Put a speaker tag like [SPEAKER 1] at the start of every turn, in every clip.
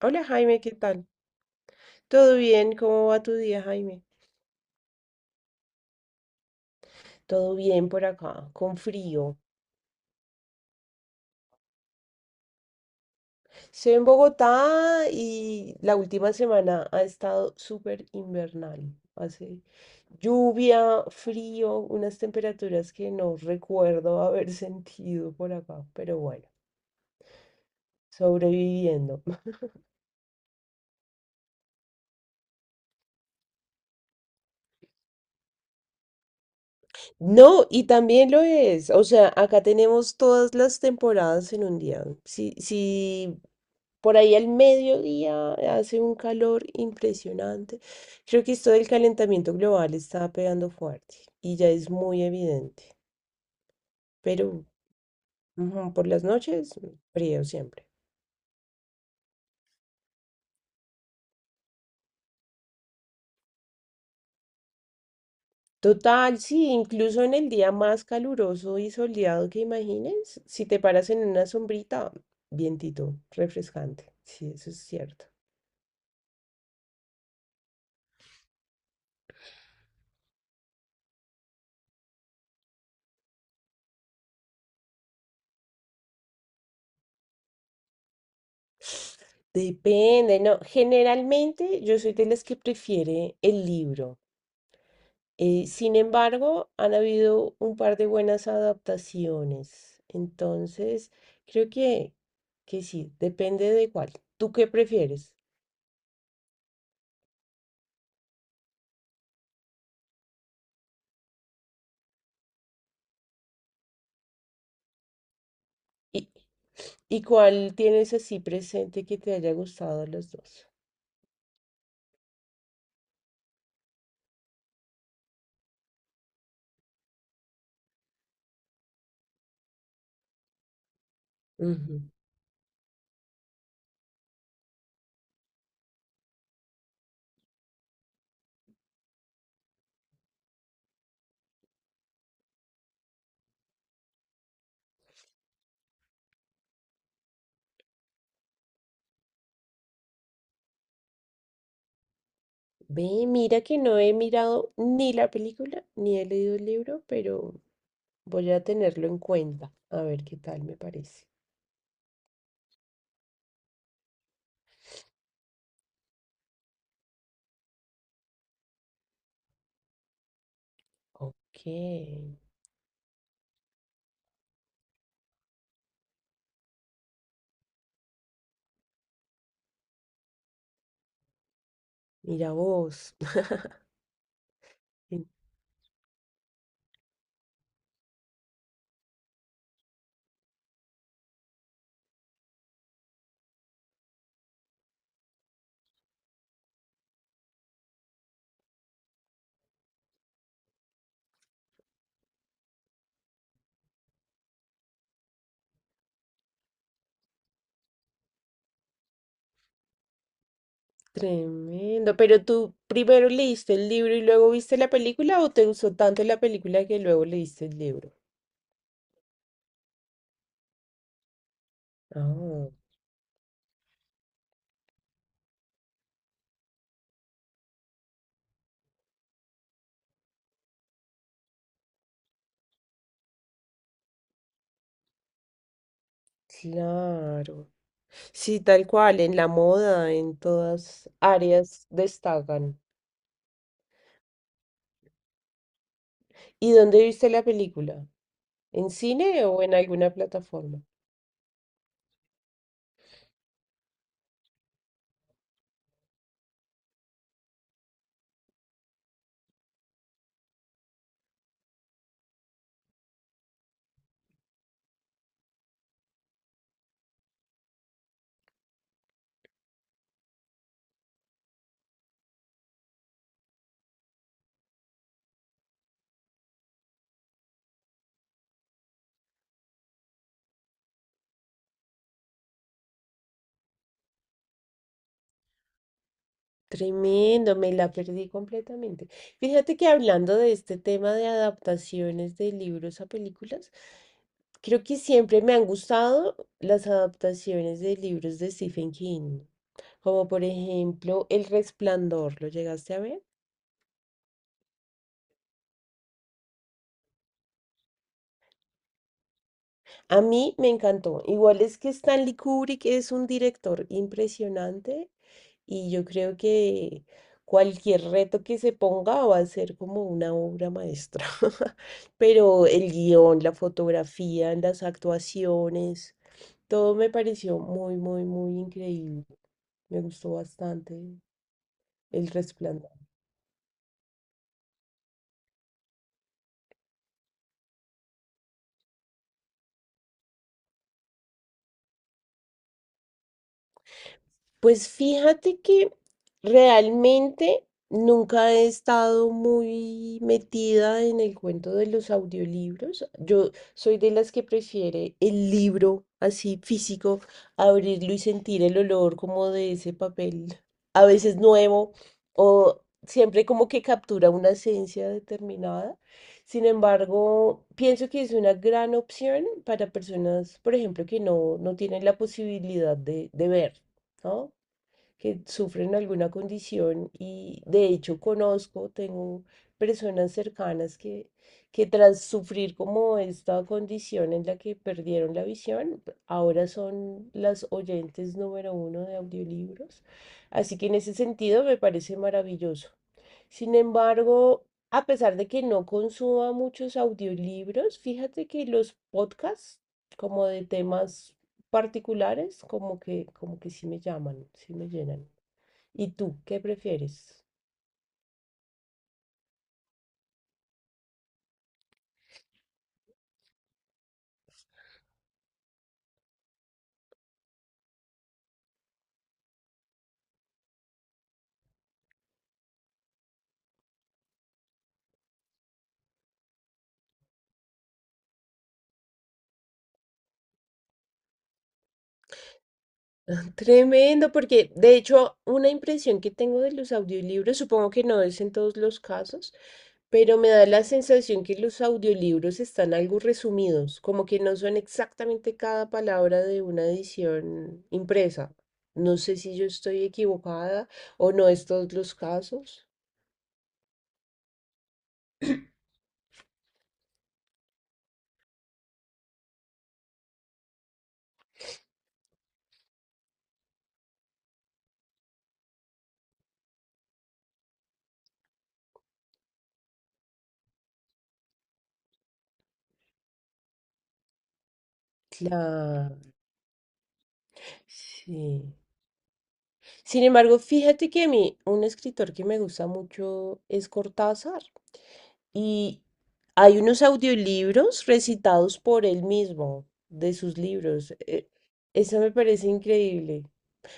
[SPEAKER 1] Hola Jaime, ¿qué tal? ¿Todo bien? ¿Cómo va tu día, Jaime? Todo bien por acá, con frío. Estoy en Bogotá y la última semana ha estado súper invernal. Hace lluvia, frío, unas temperaturas que no recuerdo haber sentido por acá, pero bueno, sobreviviendo. No, y también lo es. O sea, acá tenemos todas las temporadas en un día. Si, si Por ahí al mediodía hace un calor impresionante. Creo que esto del calentamiento global está pegando fuerte y ya es muy evidente. Pero ujú, por las noches, frío siempre. Total, sí, incluso en el día más caluroso y soleado que imagines, si te paras en una sombrita, vientito, refrescante. Sí, eso es cierto. Depende, no. Generalmente yo soy de las que prefiere el libro. Sin embargo, han habido un par de buenas adaptaciones. Entonces, creo que sí, depende de cuál. ¿Tú qué prefieres? ¿Y, y cuál tienes así presente que te haya gustado de los dos? Ujú. Ve, mira que no he mirado ni la película ni he leído el libro, pero voy a tenerlo en cuenta, a ver qué tal me parece. Ok, mira vos. Tremendo. Pero tú primero leíste el libro y luego viste la película, o te gustó tanto la película que luego leíste el libro. Ah, claro. Sí, tal cual, en la moda, en todas áreas destacan. ¿Y dónde viste la película? ¿En cine o en alguna plataforma? Tremendo, me la perdí completamente. Fíjate que hablando de este tema de adaptaciones de libros a películas, creo que siempre me han gustado las adaptaciones de libros de Stephen King, como por ejemplo El Resplandor, ¿lo llegaste a ver? A mí me encantó. Igual es que Stanley Kubrick es un director impresionante, y yo creo que cualquier reto que se ponga va a ser como una obra maestra. Pero el guión, la fotografía, las actuaciones, todo me pareció muy, muy, muy increíble. Me gustó bastante el resplandor. Pues fíjate que realmente nunca he estado muy metida en el cuento de los audiolibros. Yo soy de las que prefiere el libro así físico, abrirlo y sentir el olor como de ese papel, a veces nuevo o siempre como que captura una esencia determinada. Sin embargo, pienso que es una gran opción para personas, por ejemplo, que no tienen la posibilidad de ver, ¿no? Que sufren alguna condición, y de hecho conozco, tengo personas cercanas que tras sufrir como esta condición en la que perdieron la visión, ahora son las oyentes número uno de audiolibros. Así que en ese sentido me parece maravilloso. Sin embargo, a pesar de que no consuma muchos audiolibros, fíjate que los podcasts como de temas particulares, como que sí me llaman, sí me llenan. ¿Y tú qué prefieres? Tremendo, porque de hecho una impresión que tengo de los audiolibros, supongo que no es en todos los casos, pero me da la sensación que los audiolibros están algo resumidos, como que no son exactamente cada palabra de una edición impresa. No sé si yo estoy equivocada o no es todos los casos. Claro, sí. Sin embargo, fíjate que a mí un escritor que me gusta mucho es Cortázar. Y hay unos audiolibros recitados por él mismo de sus libros. Eso me parece increíble,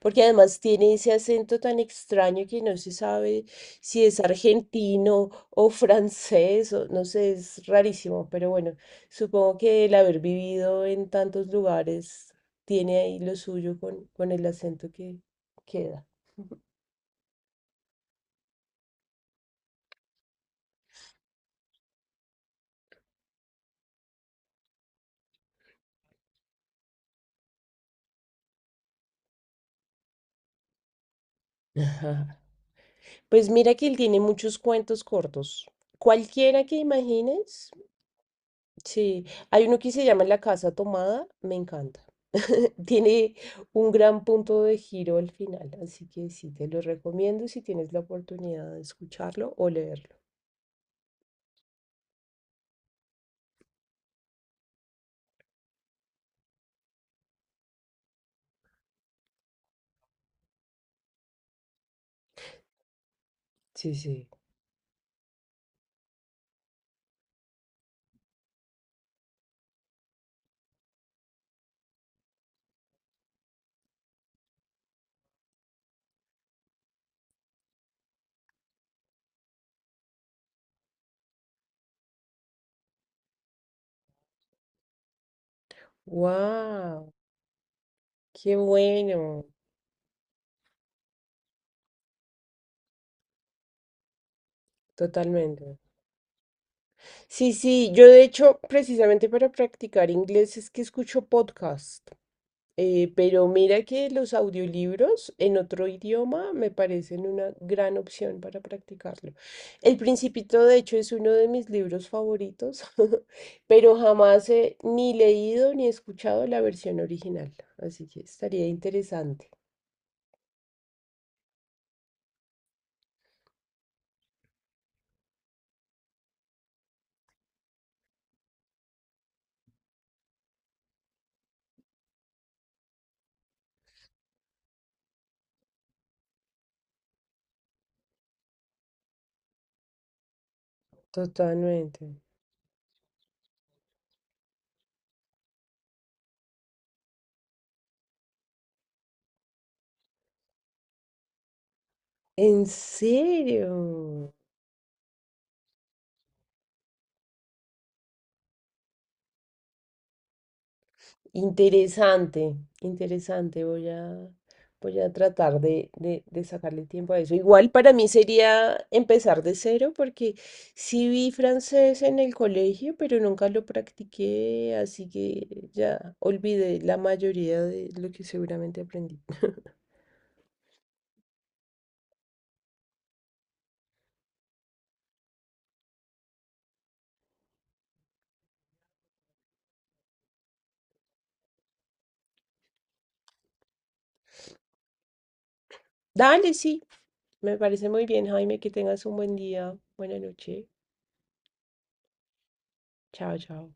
[SPEAKER 1] porque además tiene ese acento tan extraño que no se sabe si es argentino o francés, o no sé, es rarísimo, pero bueno, supongo que el haber vivido en tantos lugares tiene ahí lo suyo con el acento que queda. Pues mira que él tiene muchos cuentos cortos. Cualquiera que imagines. Sí, hay uno que se llama La Casa Tomada, me encanta. Tiene un gran punto de giro al final, así que sí, te lo recomiendo si tienes la oportunidad de escucharlo o leerlo. Sí, sí. ¡Wow! ¡Qué bueno! Totalmente. Sí, sí, yo de hecho, precisamente para practicar inglés es que escucho podcasts. Pero mira que los audiolibros en otro idioma me parecen una gran opción para practicarlo. El Principito, de hecho, es uno de mis libros favoritos, pero jamás he ni leído ni escuchado la versión original, así que estaría interesante. Totalmente. ¿En serio? Interesante, interesante. Voy a tratar de sacarle tiempo a eso. Igual para mí sería empezar de cero porque sí vi francés en el colegio, pero nunca lo practiqué, así que ya olvidé la mayoría de lo que seguramente aprendí. Dale, sí, me parece muy bien, Jaime, que tengas un buen día. Buena noche. Chao, chao.